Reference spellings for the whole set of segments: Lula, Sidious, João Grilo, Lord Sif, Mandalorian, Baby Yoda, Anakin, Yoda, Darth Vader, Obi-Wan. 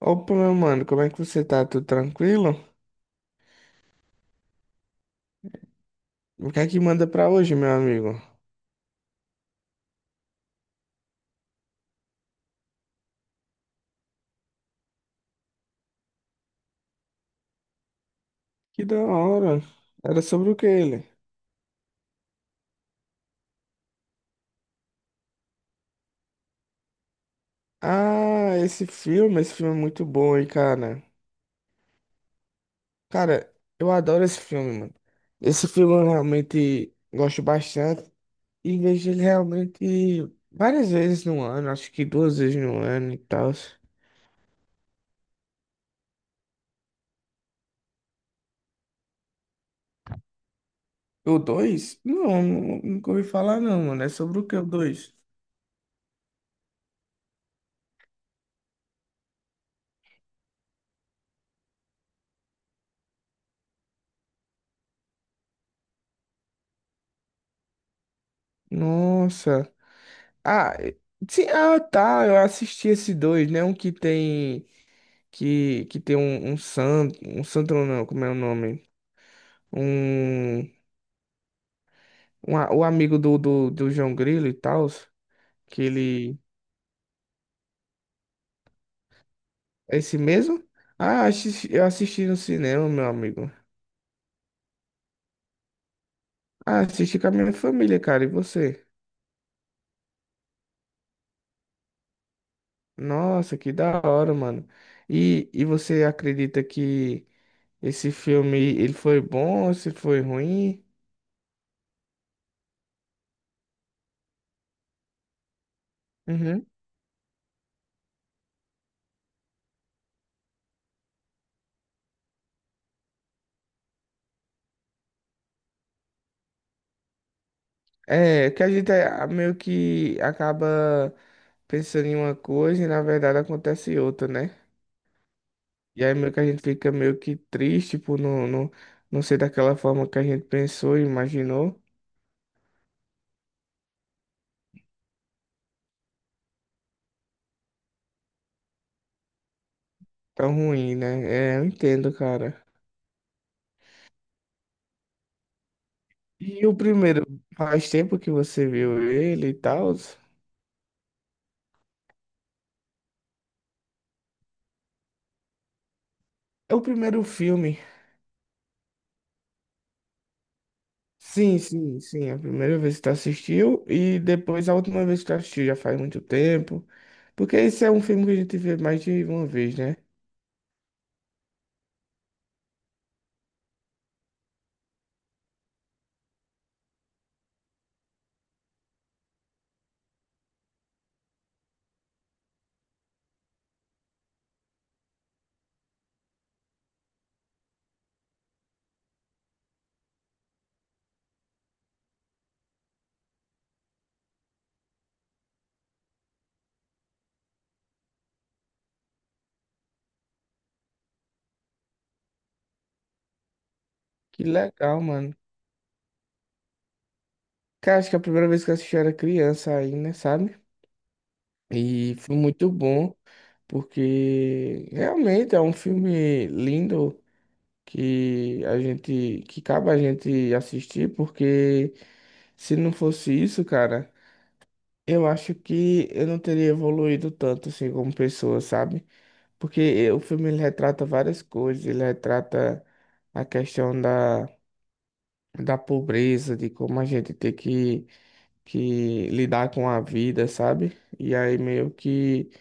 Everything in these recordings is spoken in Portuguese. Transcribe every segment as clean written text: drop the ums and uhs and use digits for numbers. Opa, meu mano, como é que você tá? Tudo tranquilo? O que é que manda pra hoje, meu amigo? Que da hora. Era sobre o que ele? Ah, esse filme é muito bom, hein, cara. Cara, eu adoro esse filme, mano. Esse filme eu realmente gosto bastante e vejo ele realmente várias vezes no ano, acho que duas vezes no ano e tal. O dois? Não, nunca ouvi falar não, mano. É sobre o que o dois? Nossa. Ah, sim, ah, tá. Eu assisti esses dois, né? Um que tem que tem um santo não, não, como é o nome? Um, um o amigo do João Grilo e tal, que ele é esse mesmo? Ah, eu assisti no cinema, meu amigo. Ah, assisti com a minha família, cara. E você? Nossa, que da hora, mano. E você acredita que esse filme ele foi bom, se foi ruim? Uhum. É, que a gente meio que acaba pensando em uma coisa e na verdade acontece outra, né? E aí meio que a gente fica meio que triste por não ser daquela forma que a gente pensou e imaginou. Tão ruim, né? É, eu entendo, cara. E o primeiro, faz tempo que você viu ele e tal? É o primeiro filme. Sim, sim, sim. A primeira vez que tu assistiu e depois a última vez que tu assistiu já faz muito tempo. Porque esse é um filme que a gente vê mais de uma vez, né? Que legal, mano. Cara, acho que a primeira vez que eu assisti eu era criança ainda, sabe? E foi muito bom, porque realmente é um filme lindo que a gente, que cabe a gente assistir, porque se não fosse isso, cara, eu acho que eu não teria evoluído tanto assim como pessoa, sabe? Porque o filme ele retrata várias coisas, ele retrata a questão da, da pobreza, de como a gente tem que lidar com a vida, sabe? E aí meio que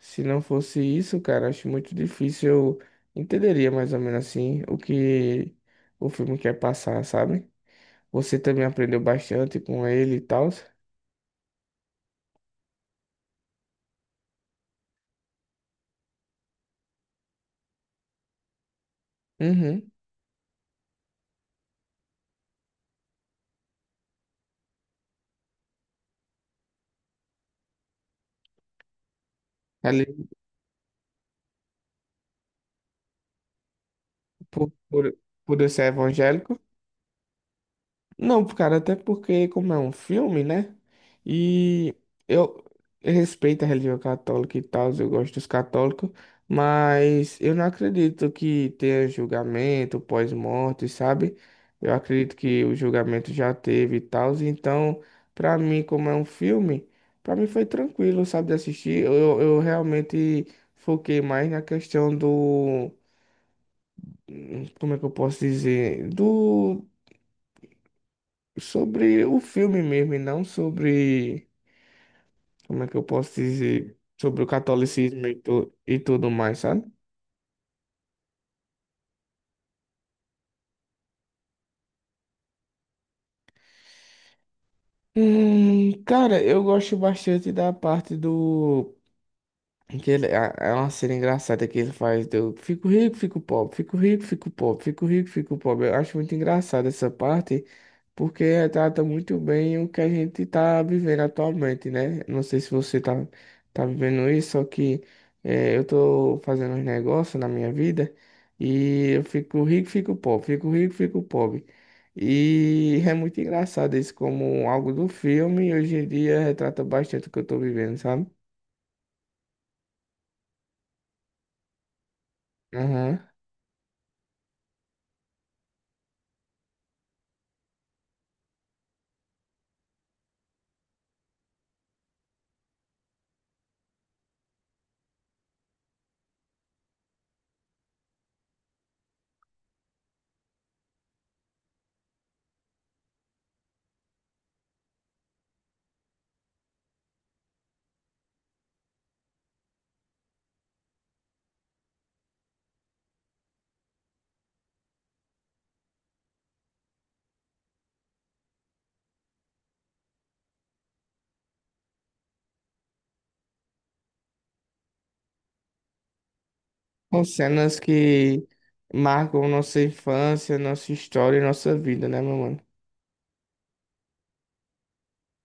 se não fosse isso, cara, acho muito difícil eu entenderia mais ou menos assim o que o filme quer passar, sabe? Você também aprendeu bastante com ele e tal. Uhum. Ali por, por, por eu ser evangélico. Não, cara, até porque, como é um filme, né? E eu respeito a religião católica e tal, eu gosto dos católicos, mas eu não acredito que tenha julgamento pós-morte, sabe? Eu acredito que o julgamento já teve e tal, então, pra mim, como é um filme, pra mim foi tranquilo, sabe, de assistir. Eu realmente foquei mais na questão do. Como é que eu posso dizer? Do sobre o filme mesmo, e não sobre, como é que eu posso dizer, sobre o catolicismo e, tu, e tudo mais, sabe? Cara, eu gosto bastante da parte do que ele, é uma cena engraçada que ele faz do fico rico, fico pobre, fico rico, fico pobre, fico rico, fico pobre. Eu acho muito engraçada essa parte, porque retrata muito bem o que a gente tá vivendo atualmente, né? Não sei se você tá vivendo isso, só que é, eu tô fazendo uns negócios na minha vida e eu fico rico, fico pobre, fico rico, fico pobre. E é muito engraçado isso como algo do filme, hoje em dia retrata bastante o que eu tô vivendo, sabe? Aham. São cenas que marcam nossa infância, nossa história e nossa vida, né, meu mano?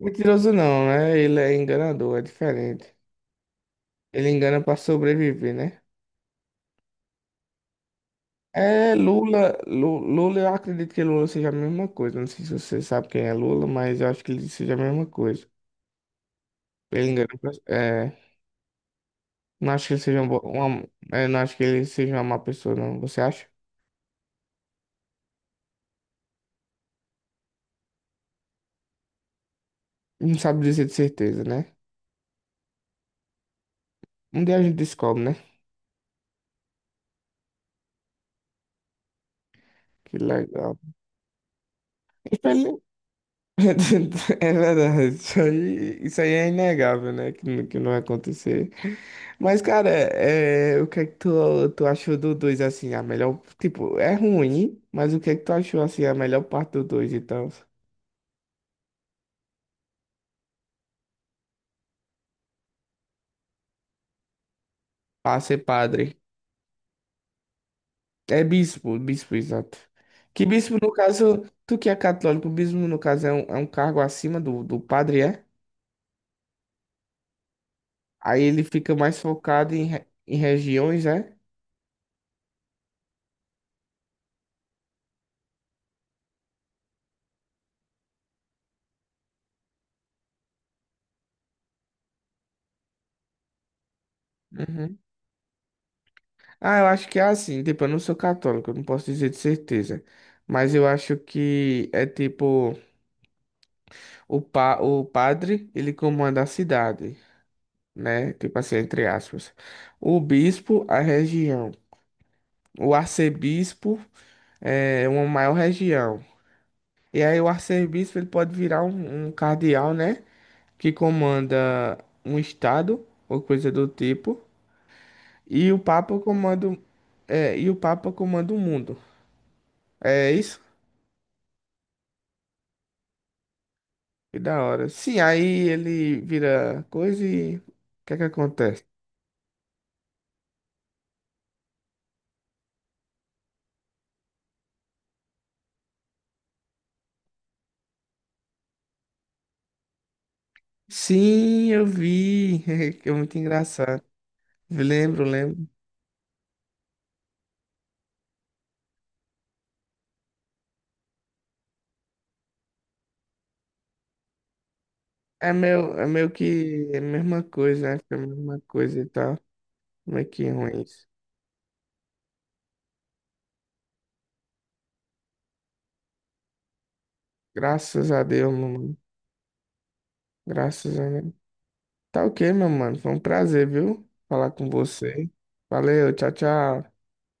Mentiroso não, né? Ele é enganador, é diferente. Ele engana pra sobreviver, né? É Lula, Lula, eu acredito que Lula seja a mesma coisa. Não sei se você sabe quem é Lula, mas eu acho que ele seja a mesma coisa. Ele engana pra, é, não acho que ele seja um, uma, é, não acho que ele seja uma má pessoa, não. Você acha? Não sabe dizer de certeza, né? Um dia a gente descobre, né? Que legal. É verdade, isso aí é inegável, né? Que, que não vai acontecer. Mas, cara, o que é que tu achou do 2 assim, a melhor... Tipo, é ruim, mas o que é que tu achou, assim, a melhor parte do 2? Então? Ah, ser padre. É bispo, bispo, exato. Que bispo, no caso, tu que é católico, bispo, no caso, é um cargo acima do padre, é? Aí ele fica mais focado em, em regiões, é? Ah, eu acho que é assim, tipo, eu não sou católico, eu não posso dizer de certeza. Mas eu acho que é tipo, pa o padre, ele comanda a cidade, né? Tipo assim, entre aspas. O bispo, a região. O arcebispo é uma maior região. E aí o arcebispo, ele pode virar um cardeal, né? Que comanda um estado, ou coisa do tipo. E o papa comanda, é, e o papa comanda o mundo. É isso? Que da hora. Sim, aí ele vira coisa e o que é que acontece? Sim, eu vi. Que é muito engraçado. Lembro, lembro. É meio que é a mesma coisa, né? Fica a mesma coisa e tal. Como é que é ruim isso? Graças a Deus, meu mano. Graças a Deus. Tá ok, meu mano. Foi um prazer, viu? Falar com você. Valeu, tchau, tchau.